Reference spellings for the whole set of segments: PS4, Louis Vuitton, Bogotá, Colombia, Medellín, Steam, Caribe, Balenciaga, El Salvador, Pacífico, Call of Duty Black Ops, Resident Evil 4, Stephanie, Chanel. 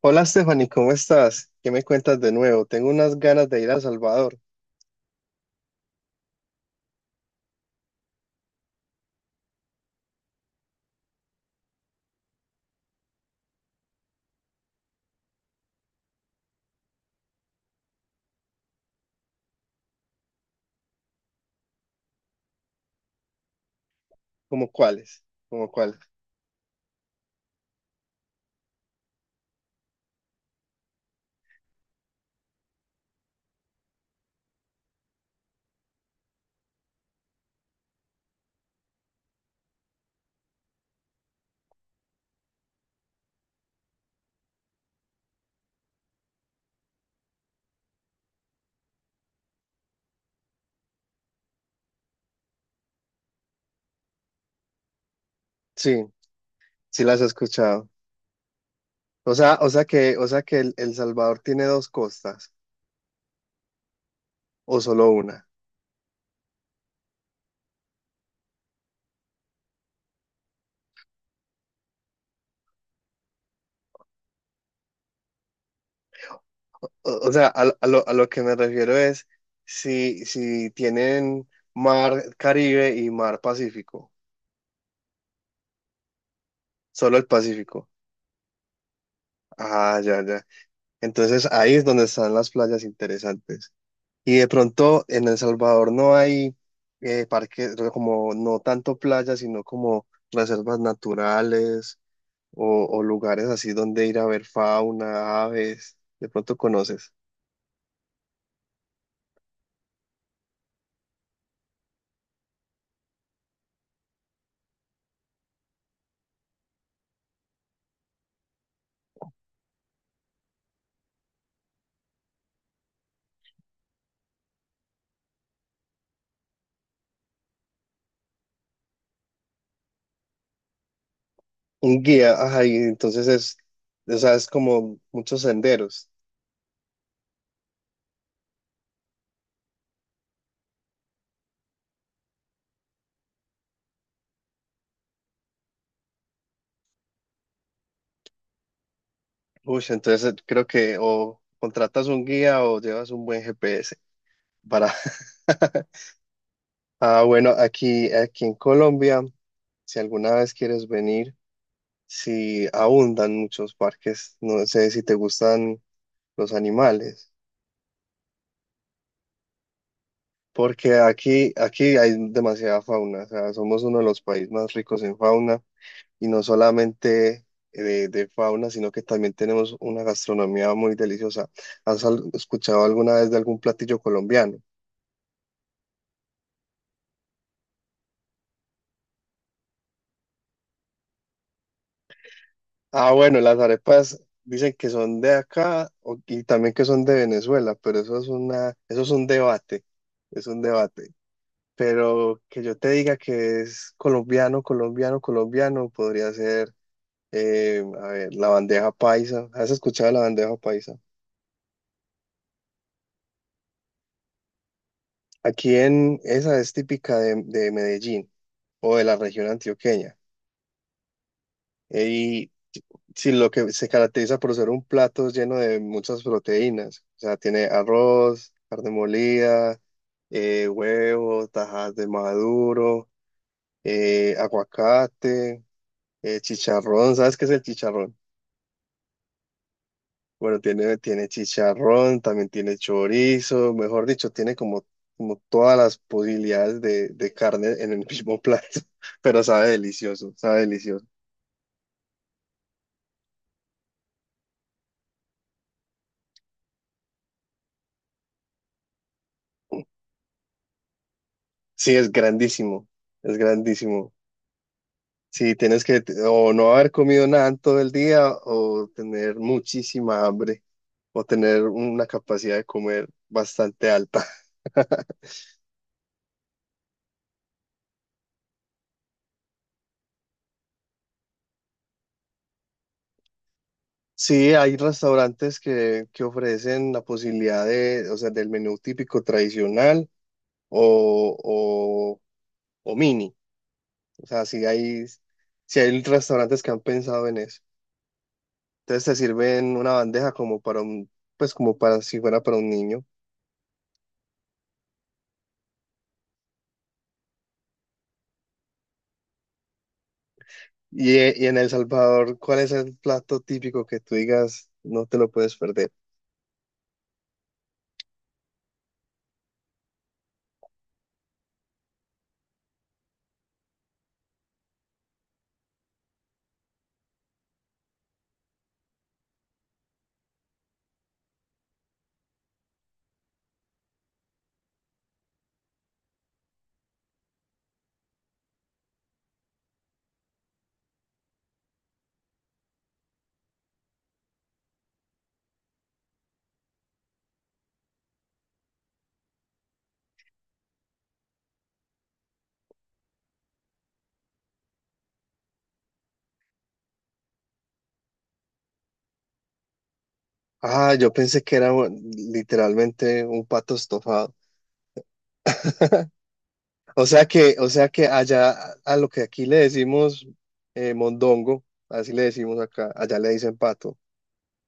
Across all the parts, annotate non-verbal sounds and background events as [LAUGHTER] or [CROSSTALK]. Hola Stephanie, ¿cómo estás? ¿Qué me cuentas de nuevo? Tengo unas ganas de ir a Salvador. ¿Cómo cuáles? ¿Cómo cuáles? Sí, sí las he escuchado. O sea que el, El Salvador tiene dos costas o solo una. O sea, a, lo, a lo que me refiero es si, si tienen mar Caribe y mar Pacífico, solo el Pacífico. Ah, ya, ya. Entonces ahí es donde están las playas interesantes. Y de pronto en El Salvador no hay parques, como no tanto playas, sino como reservas naturales o lugares así donde ir a ver fauna, aves. De pronto conoces. Un guía, ajá, y entonces es, o sea, es como muchos senderos. Uy, entonces creo que o contratas un guía o llevas un buen GPS para… [LAUGHS] Ah, bueno, aquí, aquí en Colombia, si alguna vez quieres venir, si abundan muchos parques, no sé si te gustan los animales, porque aquí, aquí hay demasiada fauna, o sea, somos uno de los países más ricos en fauna y no solamente de fauna, sino que también tenemos una gastronomía muy deliciosa. ¿Has escuchado alguna vez de algún platillo colombiano? Ah, bueno, las arepas dicen que son de acá y también que son de Venezuela, pero eso es una, eso es un debate, es un debate. Pero que yo te diga que es colombiano, colombiano, colombiano, podría ser, a ver, la bandeja paisa. ¿Has escuchado la bandeja paisa? Aquí en esa es típica de Medellín o de la región antioqueña. Y sí, lo que se caracteriza por ser un plato lleno de muchas proteínas. O sea, tiene arroz, carne molida, huevo, tajas de maduro, aguacate, chicharrón. ¿Sabes qué es el chicharrón? Bueno, tiene, tiene chicharrón, también tiene chorizo, mejor dicho, tiene como, como todas las posibilidades de carne en el mismo plato, [LAUGHS] pero sabe delicioso, sabe delicioso. Sí, es grandísimo, es grandísimo. Sí, tienes que o no haber comido nada en todo el día o tener muchísima hambre o tener una capacidad de comer bastante alta. [LAUGHS] Sí, hay restaurantes que ofrecen la posibilidad de, o sea, del menú típico tradicional, o, o, o mini. O sea, si hay, si hay restaurantes que han pensado en eso. Entonces te sirven una bandeja como para un, pues como para si fuera para un niño. Y en El Salvador, ¿cuál es el plato típico que tú digas no te lo puedes perder? Ah, yo pensé que era literalmente un pato estofado. [LAUGHS] O sea que allá a lo que aquí le decimos mondongo, así le decimos acá, allá le dicen pato,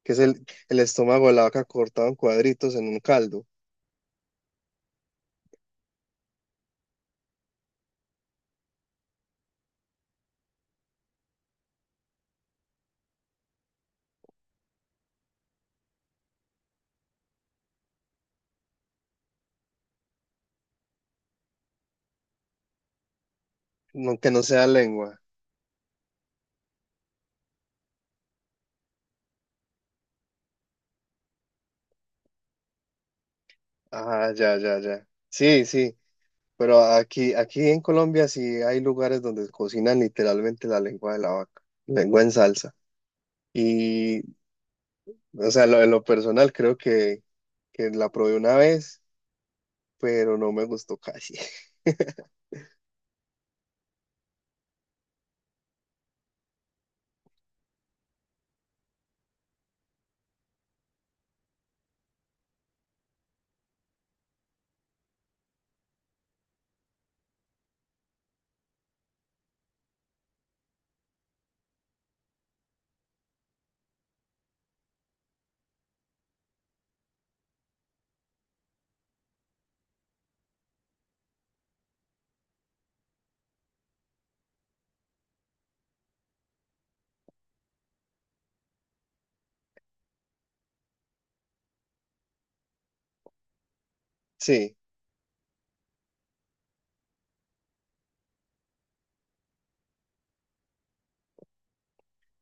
que es el estómago de la vaca cortado en cuadritos en un caldo, no, que no sea lengua. Ah, ya, ya, ya. Sí, sí, pero aquí, aquí en Colombia sí hay lugares donde cocinan literalmente la lengua de la vaca, lengua en salsa. Y, o sea, lo, en lo personal creo que la probé una vez, pero no me gustó casi. [LAUGHS] Sí,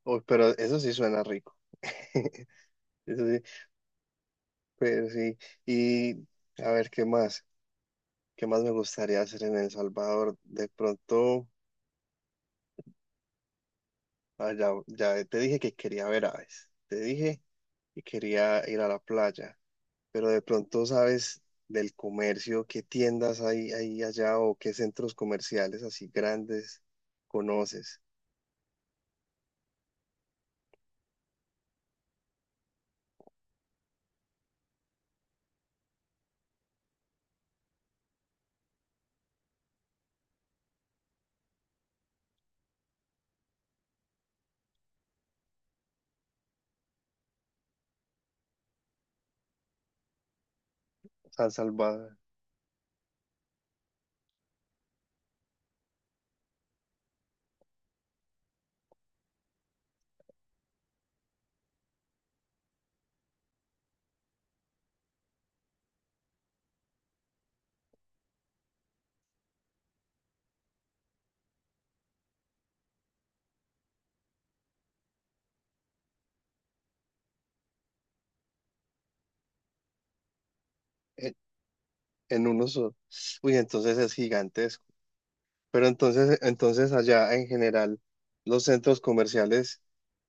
oh, pero eso sí suena rico. [LAUGHS] Eso sí, pero sí. Y a ver, ¿qué más? ¿Qué más me gustaría hacer en El Salvador? De pronto, ah, ya, ya te dije que quería ver aves, te dije que quería ir a la playa, pero de pronto sabes del comercio, qué tiendas hay ahí allá o qué centros comerciales así grandes conoces. San Salvador, en, en uno solo. Uy, entonces es gigantesco. Pero entonces, entonces allá en general, los centros comerciales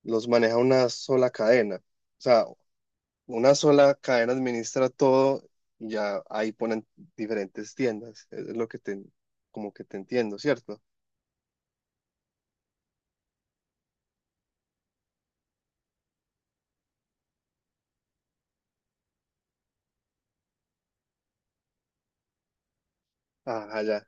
los maneja una sola cadena. O sea, una sola cadena administra todo y ya ahí ponen diferentes tiendas. Es lo que te, como que te entiendo, ¿cierto? Ajá, ya.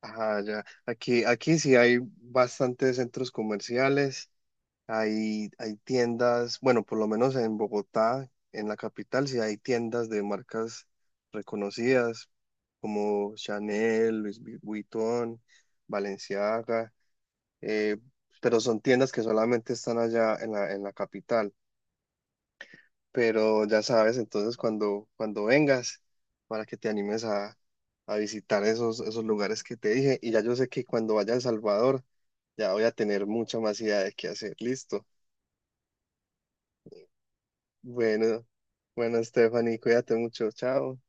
Ajá, ya. Aquí, aquí sí hay bastantes centros comerciales, hay tiendas, bueno, por lo menos en Bogotá, en la capital, sí hay tiendas de marcas reconocidas como Chanel, Vuitton, Balenciaga, eh, pero son tiendas que solamente están allá en la capital. Pero ya sabes, entonces cuando, cuando vengas, para que te animes a visitar esos, esos lugares que te dije, y ya yo sé que cuando vaya a El Salvador, ya voy a tener mucha más idea de qué hacer, listo. Bueno, bueno, Stephanie, cuídate mucho, chao.